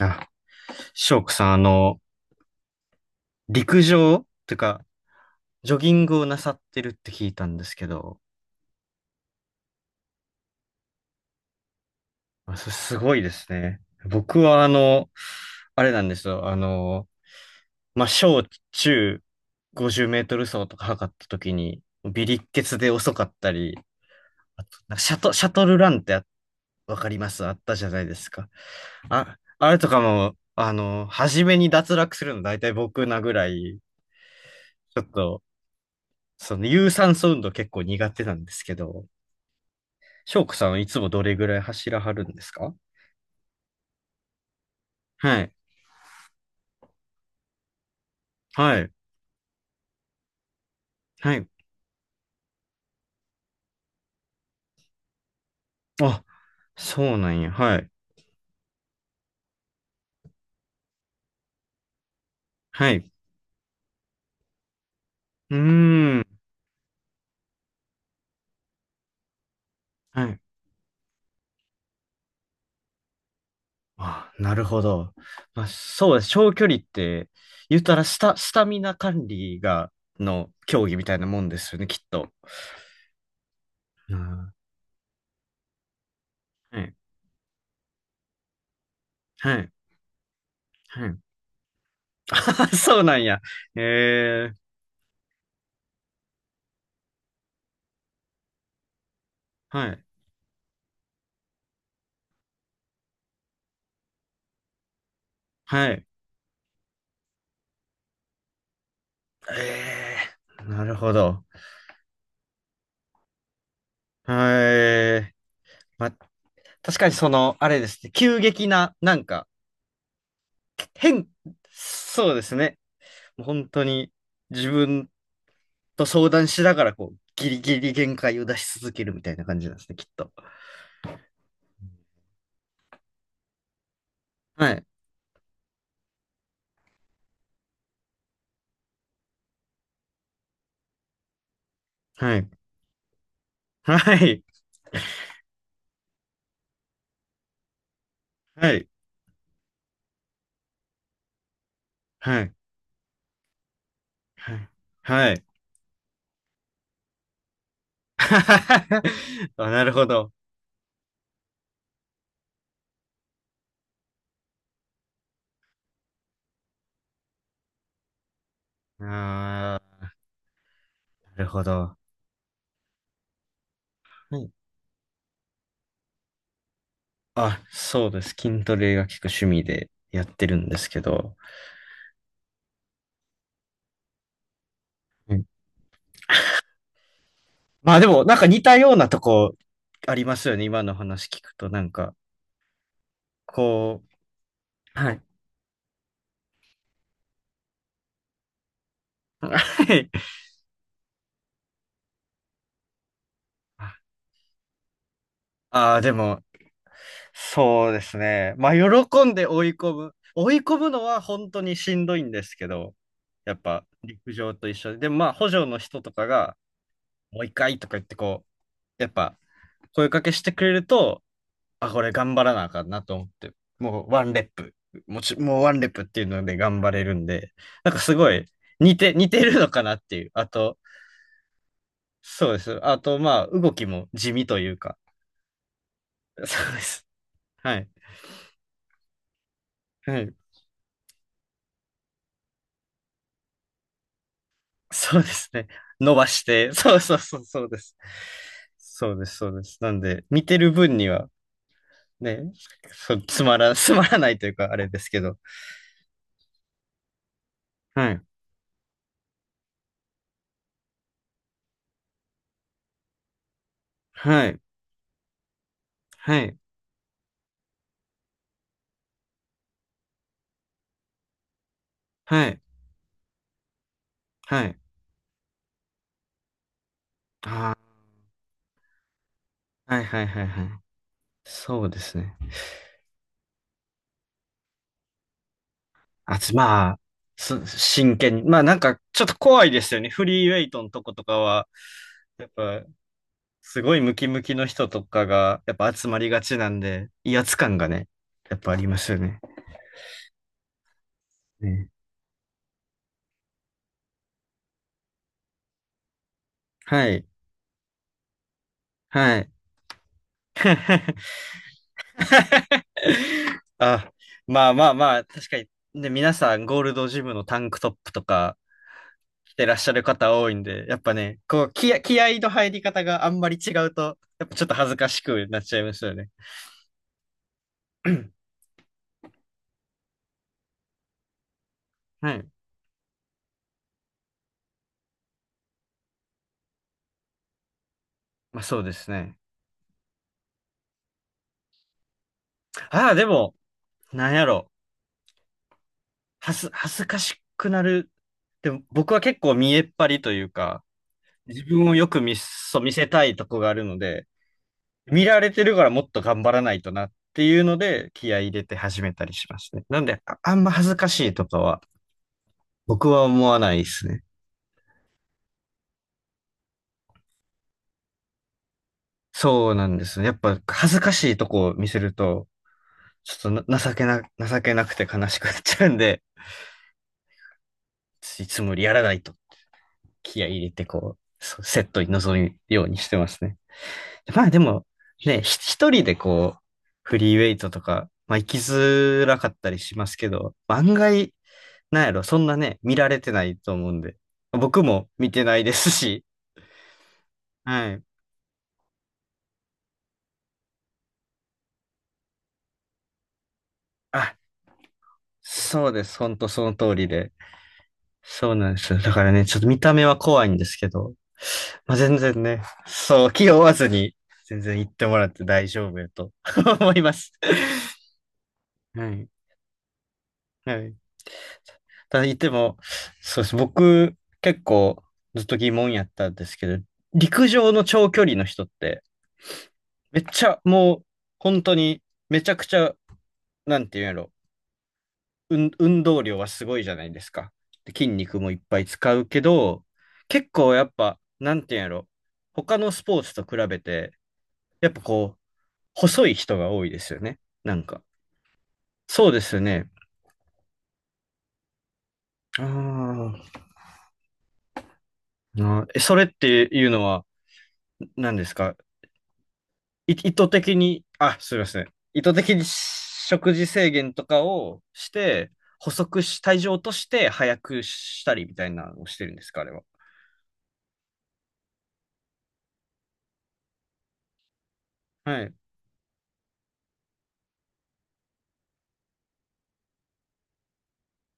あ、翔子さん、陸上というか、ジョギングをなさってるって聞いたんですけど、あ、それすごいですね。僕は、あれなんですよ。まあ、小中50メートル走とか測った時に、微力血で遅かったり、あとなんかシャトルランってあわかりますあったじゃないですか。あ、あれとかも、初めに脱落するの大体僕なぐらい、ちょっと、その有酸素運動結構苦手なんですけど、翔子さんはいつもどれぐらい走らはるんですか？はい。はい。はい。あ、そうなんや。はい。はい。うーん。はい。あ、なるほど。まあ、そうです。長距離って、言ったらスタミナ管理が、の競技みたいなもんですよね、きっと。あはい。はい。はい。あ、そうなんや。えー。はい。はい。ええなるほど。はい。まあ、確かにその、あれですね。急激な、なんか、変、そうですね。本当に自分と相談しながら、こう、ギリギリ限界を出し続けるみたいな感じなんですね、きっと。はい。はい。はい。はい。はい。はい。はい。あ、なるほど。ああ、なるほど。はい。あ、そうです。筋トレが結く趣味でやってるんですけど。うん、まあでも、なんか似たようなとこありますよね。今の話聞くと、なんか、こう、はい。はい。ああ、でも、そうですね。まあ、喜んで追い込む。追い込むのは本当にしんどいんですけど、やっぱ陸上と一緒で、でもまあ、補助の人とかが、もう一回とか言ってこう、やっぱ声かけしてくれると、あ、これ頑張らなあかんなと思って、もうワンレップ、もうワンレップっていうので頑張れるんで、なんかすごい似てるのかなっていう。あと、そうです。あと、まあ、動きも地味というか、そうです。はい。はい。 そうですね。伸ばして、そうそうそう、そうです。そうです、そうです。なんで、見てる分には、ね、そう、つまら、つまらないというか、あれですけど。はい、はい、はい、はい、はい。ああ、はい、はい、はい、はい。そうですね。あ、つまあ、す真剣に。まあ、なんか、ちょっと怖いですよね。フリーウェイトのとことかは、やっぱ、すごいムキムキの人とかが、やっぱ集まりがちなんで、威圧感がね、やっぱありますよね。ねはい。はい。あ、まあまあまあ、確かに、ね、皆さんゴールドジムのタンクトップとか着てらっしゃる方多いんで、やっぱね、こう、気合の入り方があんまり違うと、やっぱちょっと恥ずかしくなっちゃいますよね。はい。まあそうですね。ああ、でも、なんやろ。恥ずかしくなる。でも僕は結構見栄っ張りというか、自分をよく見、そう見せたいとこがあるので、見られてるからもっと頑張らないとなっていうので、気合い入れて始めたりしますね。なんで、あ、あんま恥ずかしいとかは、僕は思わないですね。そうなんですね。やっぱ恥ずかしいとこを見せると、ちょっとな情けな、情けなくて悲しくなっちゃうんで、いつもよりやらないと気合い入れてこう、そうセットに臨むようにしてますね。まあでも、ね、一人でこう、フリーウェイトとか、まあ行きづらかったりしますけど、案外、なんやろ、そんなね、見られてないと思うんで。僕も見てないですし。はい。あ、そうです。ほんとその通りで。そうなんですよ。だからね、ちょっと見た目は怖いんですけど、まあ、全然ね、そう、気負わずに、全然行ってもらって大丈夫やと 思います。はい。はい。ただ言っても、そうです。僕、結構ずっと疑問やったんですけど、陸上の長距離の人って、めっちゃもう、本当に、めちゃくちゃ、なんていうんやろ、運動量はすごいじゃないですか。で筋肉もいっぱい使うけど、結構やっぱ、なんていうんやろ、他のスポーツと比べて、やっぱこう、細い人が多いですよね。なんか。そうですよね。あーあー、え、それっていうのは何ですか？意図的に、あ、すいません。意図的に食事制限とかをして、細くし、体重を落として早くしたりみたいなのをしてるんですか、あれは。はい。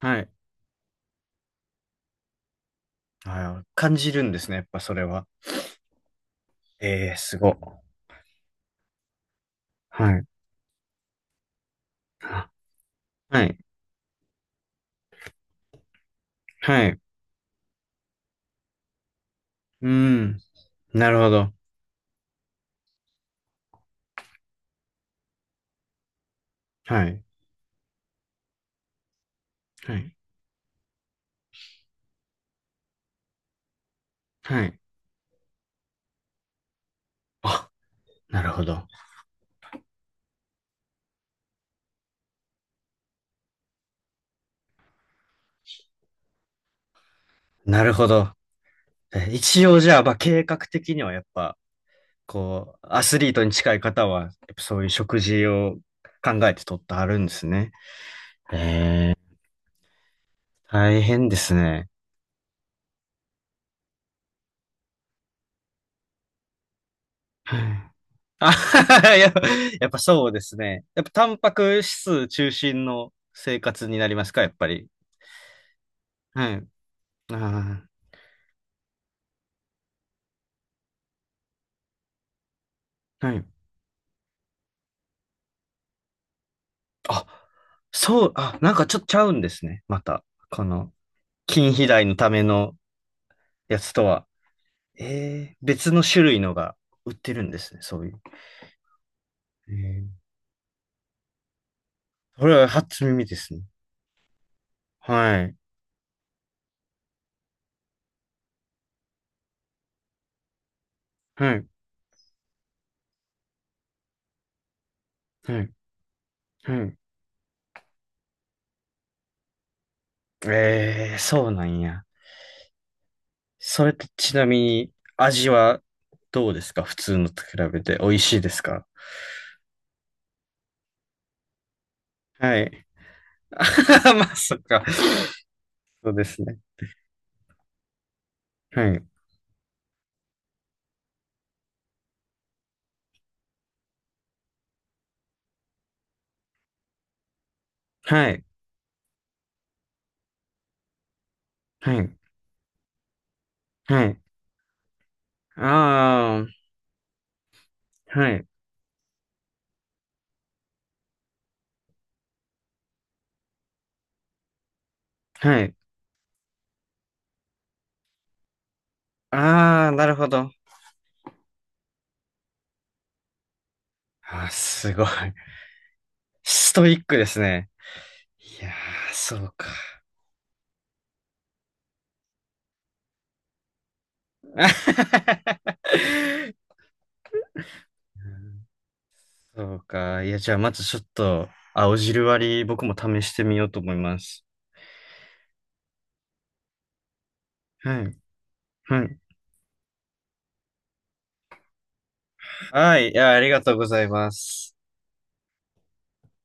はい。はい。感じるんですね、やっぱそれは。ええ、すごっ。はい。あはい。はい。うん。なるほど。はい。はい。はい。あ、なるほど。なるほど。え一応じゃあ、まあ、計画的にはやっぱ、こう、アスリートに近い方は、やっぱそういう食事を考えて取ってあるんですね。大変ですね。はい。あはは、やっぱ、やっぱそうですね。やっぱタンパク質中心の生活になりますか、やっぱり。はい。ああ、はい。あ、そう、あ、なんかちょっとちゃうんですね。また、この、筋肥大のためのやつとは。えー別の種類のが売ってるんですね、そういう。えーこれは初耳ですね。はい、はい、はい、はい。えーそうなんや。それとちなみに、味はどうですか？普通のと比べて美味しいですか？はい。まあ、そっか。そうですね。はい、はい、はい、はい。ああ、はい。はい。ああ、なるほど。あー、すごい。ストイックですね。いやー、そうか。そうか。いや、じゃあ、まずちょっと、青汁割り、僕も試してみようと思います。はい。はい。はい。いや、ありがとうございます。